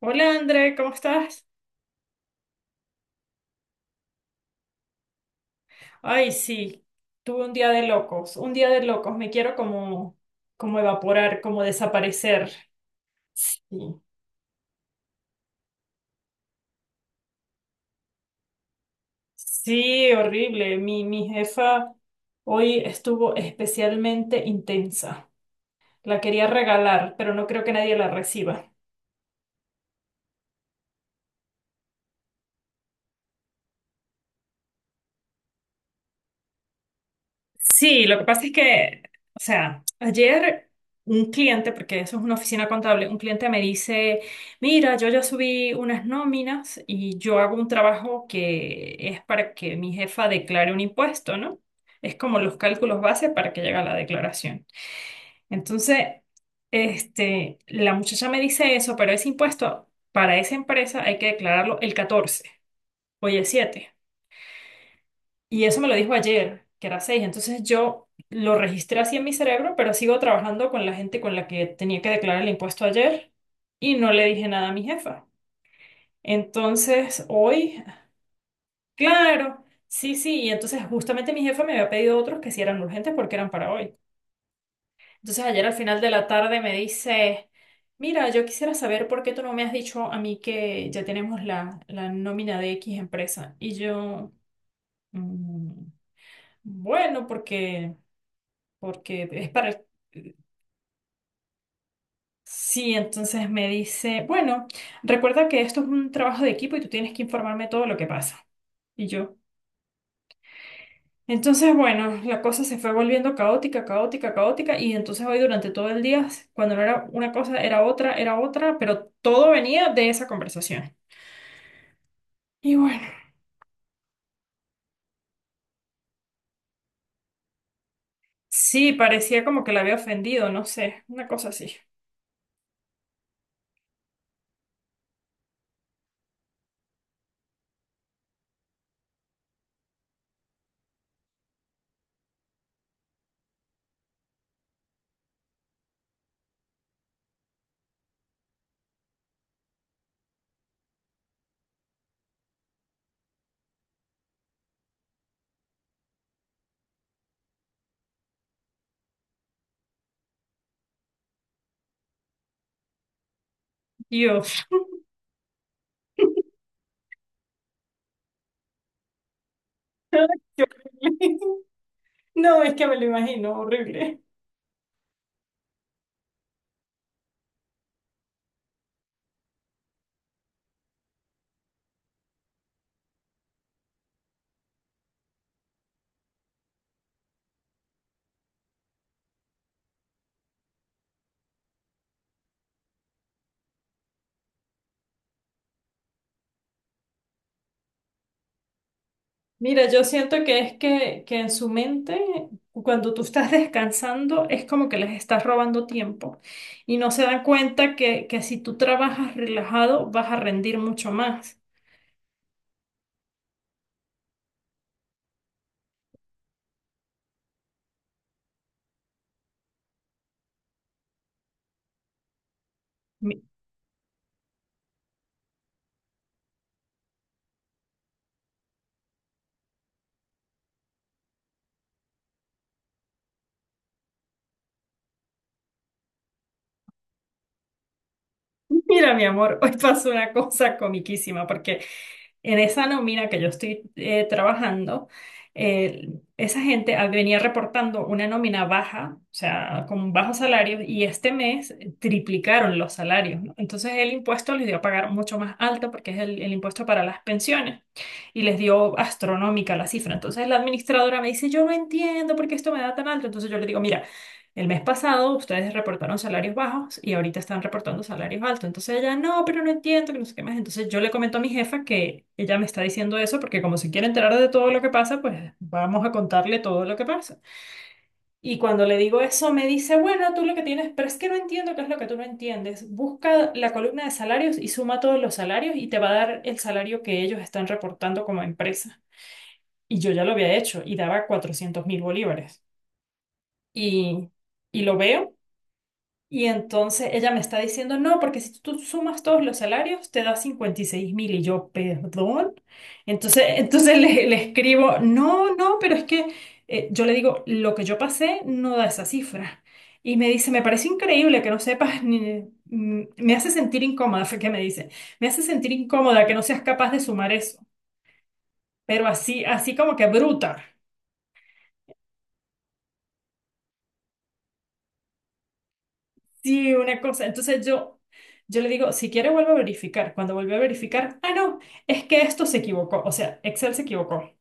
Hola André, ¿cómo estás? Ay, sí, tuve un día de locos, un día de locos, me quiero como, como evaporar, como desaparecer. Sí, sí, horrible. Mi jefa hoy estuvo especialmente intensa. La quería regalar, pero no creo que nadie la reciba. Sí, lo que pasa es que, o sea, ayer un cliente, porque eso es una oficina contable, un cliente me dice, mira, yo ya subí unas nóminas y yo hago un trabajo que es para que mi jefa declare un impuesto, ¿no? Es como los cálculos base para que llegue a la declaración. Entonces, este, la muchacha me dice eso, pero ese impuesto para esa empresa hay que declararlo el 14, hoy es 7. Y eso me lo dijo ayer, que era 6. Entonces yo lo registré así en mi cerebro, pero sigo trabajando con la gente con la que tenía que declarar el impuesto ayer y no le dije nada a mi jefa. Entonces hoy, claro, sí, sí. Y entonces justamente mi jefa me había pedido otros que sí eran urgentes porque eran para hoy. Entonces ayer al final de la tarde me dice, mira, yo quisiera saber por qué tú no me has dicho a mí que ya tenemos la, la nómina de X empresa. Y yo... "Mm, bueno, porque es para... Sí, entonces me dice, bueno, recuerda que esto es un trabajo de equipo y tú tienes que informarme todo lo que pasa. Y yo. Entonces, bueno, la cosa se fue volviendo caótica, caótica, caótica y entonces hoy durante todo el día, cuando no era una cosa, era otra, pero todo venía de esa conversación. Y bueno, sí, parecía como que la había ofendido, no sé, una cosa así. Dios. Qué horrible. No, es que me lo imagino, horrible. Mira, yo siento que es que en su mente, cuando tú estás descansando, es como que les estás robando tiempo y no se dan cuenta que si tú trabajas relajado vas a rendir mucho más. Mi- Mira, mi amor, hoy pasó una cosa comiquísima porque en esa nómina que yo estoy trabajando, eh, esa gente venía reportando una nómina baja, o sea, con bajos salarios, y este mes triplicaron los salarios, ¿no? Entonces el impuesto les dio a pagar mucho más alto porque es el impuesto para las pensiones y les dio astronómica la cifra. Entonces la administradora me dice, yo no entiendo por qué esto me da tan alto. Entonces yo le digo, mira. El mes pasado ustedes reportaron salarios bajos y ahorita están reportando salarios altos. Entonces ella, no, pero no entiendo, que no sé qué más. Entonces yo le comento a mi jefa que ella me está diciendo eso porque como se quiere enterar de todo lo que pasa, pues vamos a contarle todo lo que pasa. Y cuando le digo eso, me dice, bueno, tú lo que tienes, pero es que no entiendo qué es lo que tú no entiendes. Busca la columna de salarios y suma todos los salarios y te va a dar el salario que ellos están reportando como empresa. Y yo ya lo había hecho y daba 400.000 bolívares. Y, y lo veo. Y entonces ella me está diciendo, no, porque si tú sumas todos los salarios, te da 56.000. Y yo, perdón. Entonces, entonces le escribo, no, no, pero es que yo le digo, lo que yo pasé no da esa cifra. Y me dice, me parece increíble que no sepas, ni- me hace sentir incómoda, fue que me dice, me hace sentir incómoda que no seas capaz de sumar eso, pero así, así como que bruta. Sí, una cosa. Entonces yo le digo, si quiere vuelve a verificar. Cuando vuelve a verificar, ah, no, es que esto se equivocó. O sea, Excel se equivocó.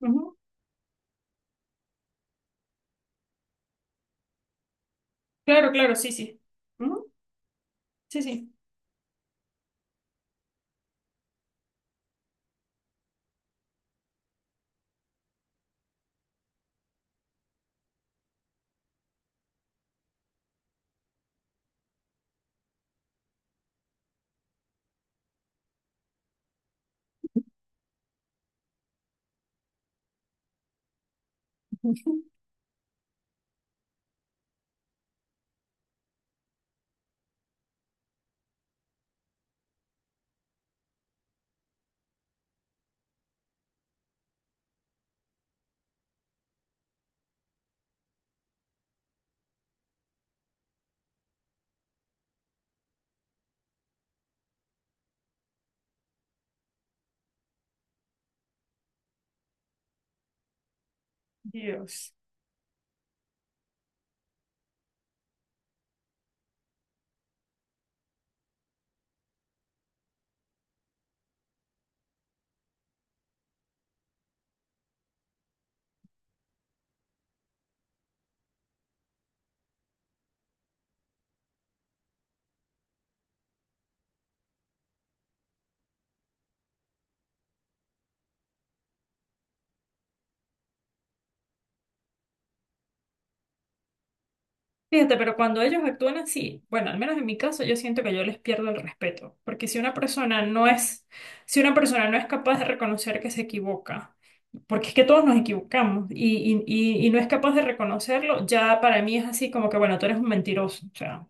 Ujú. Claro, claro, sí, sí. Ujú, sí, sí. Dios. Fíjate, pero cuando ellos actúan así, bueno, al menos en mi caso, yo siento que yo les pierdo el respeto, porque si una persona no es, si una persona no es capaz de reconocer que se equivoca, porque es que todos nos equivocamos y no es capaz de reconocerlo, ya para mí es así como que, bueno, tú eres un mentiroso, o sea,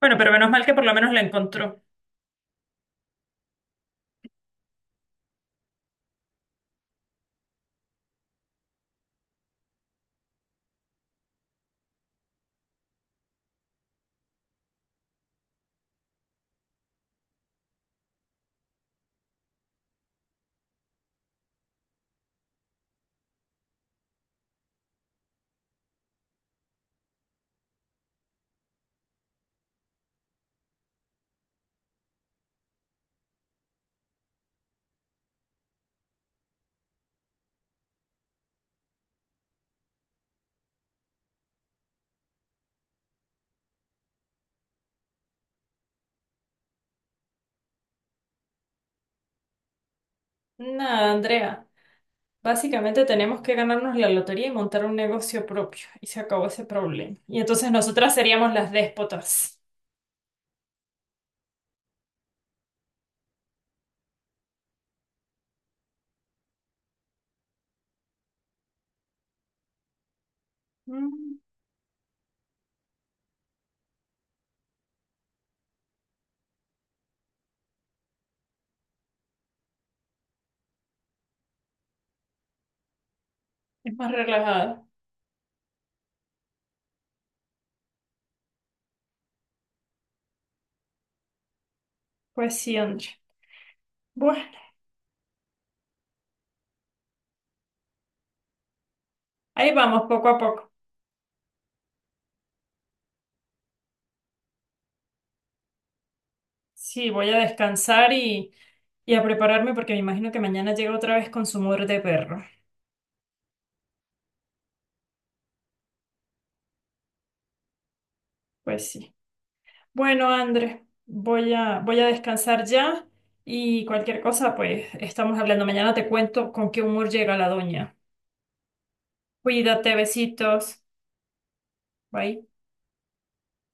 bueno, pero menos mal que por lo menos la encontró. Nada, Andrea. Básicamente tenemos que ganarnos la lotería y montar un negocio propio. Y se acabó ese problema. Y entonces nosotras seríamos las déspotas. Mm, es más relajada. Pues sí, Andrea. Bueno, ahí vamos, poco a poco. Sí, voy a descansar y a prepararme porque me imagino que mañana llega otra vez con su muerte de perro. Pues sí. Bueno, Andrés, voy a, voy a descansar ya y cualquier cosa, pues estamos hablando. Mañana te cuento con qué humor llega la doña. Cuídate, besitos. Bye.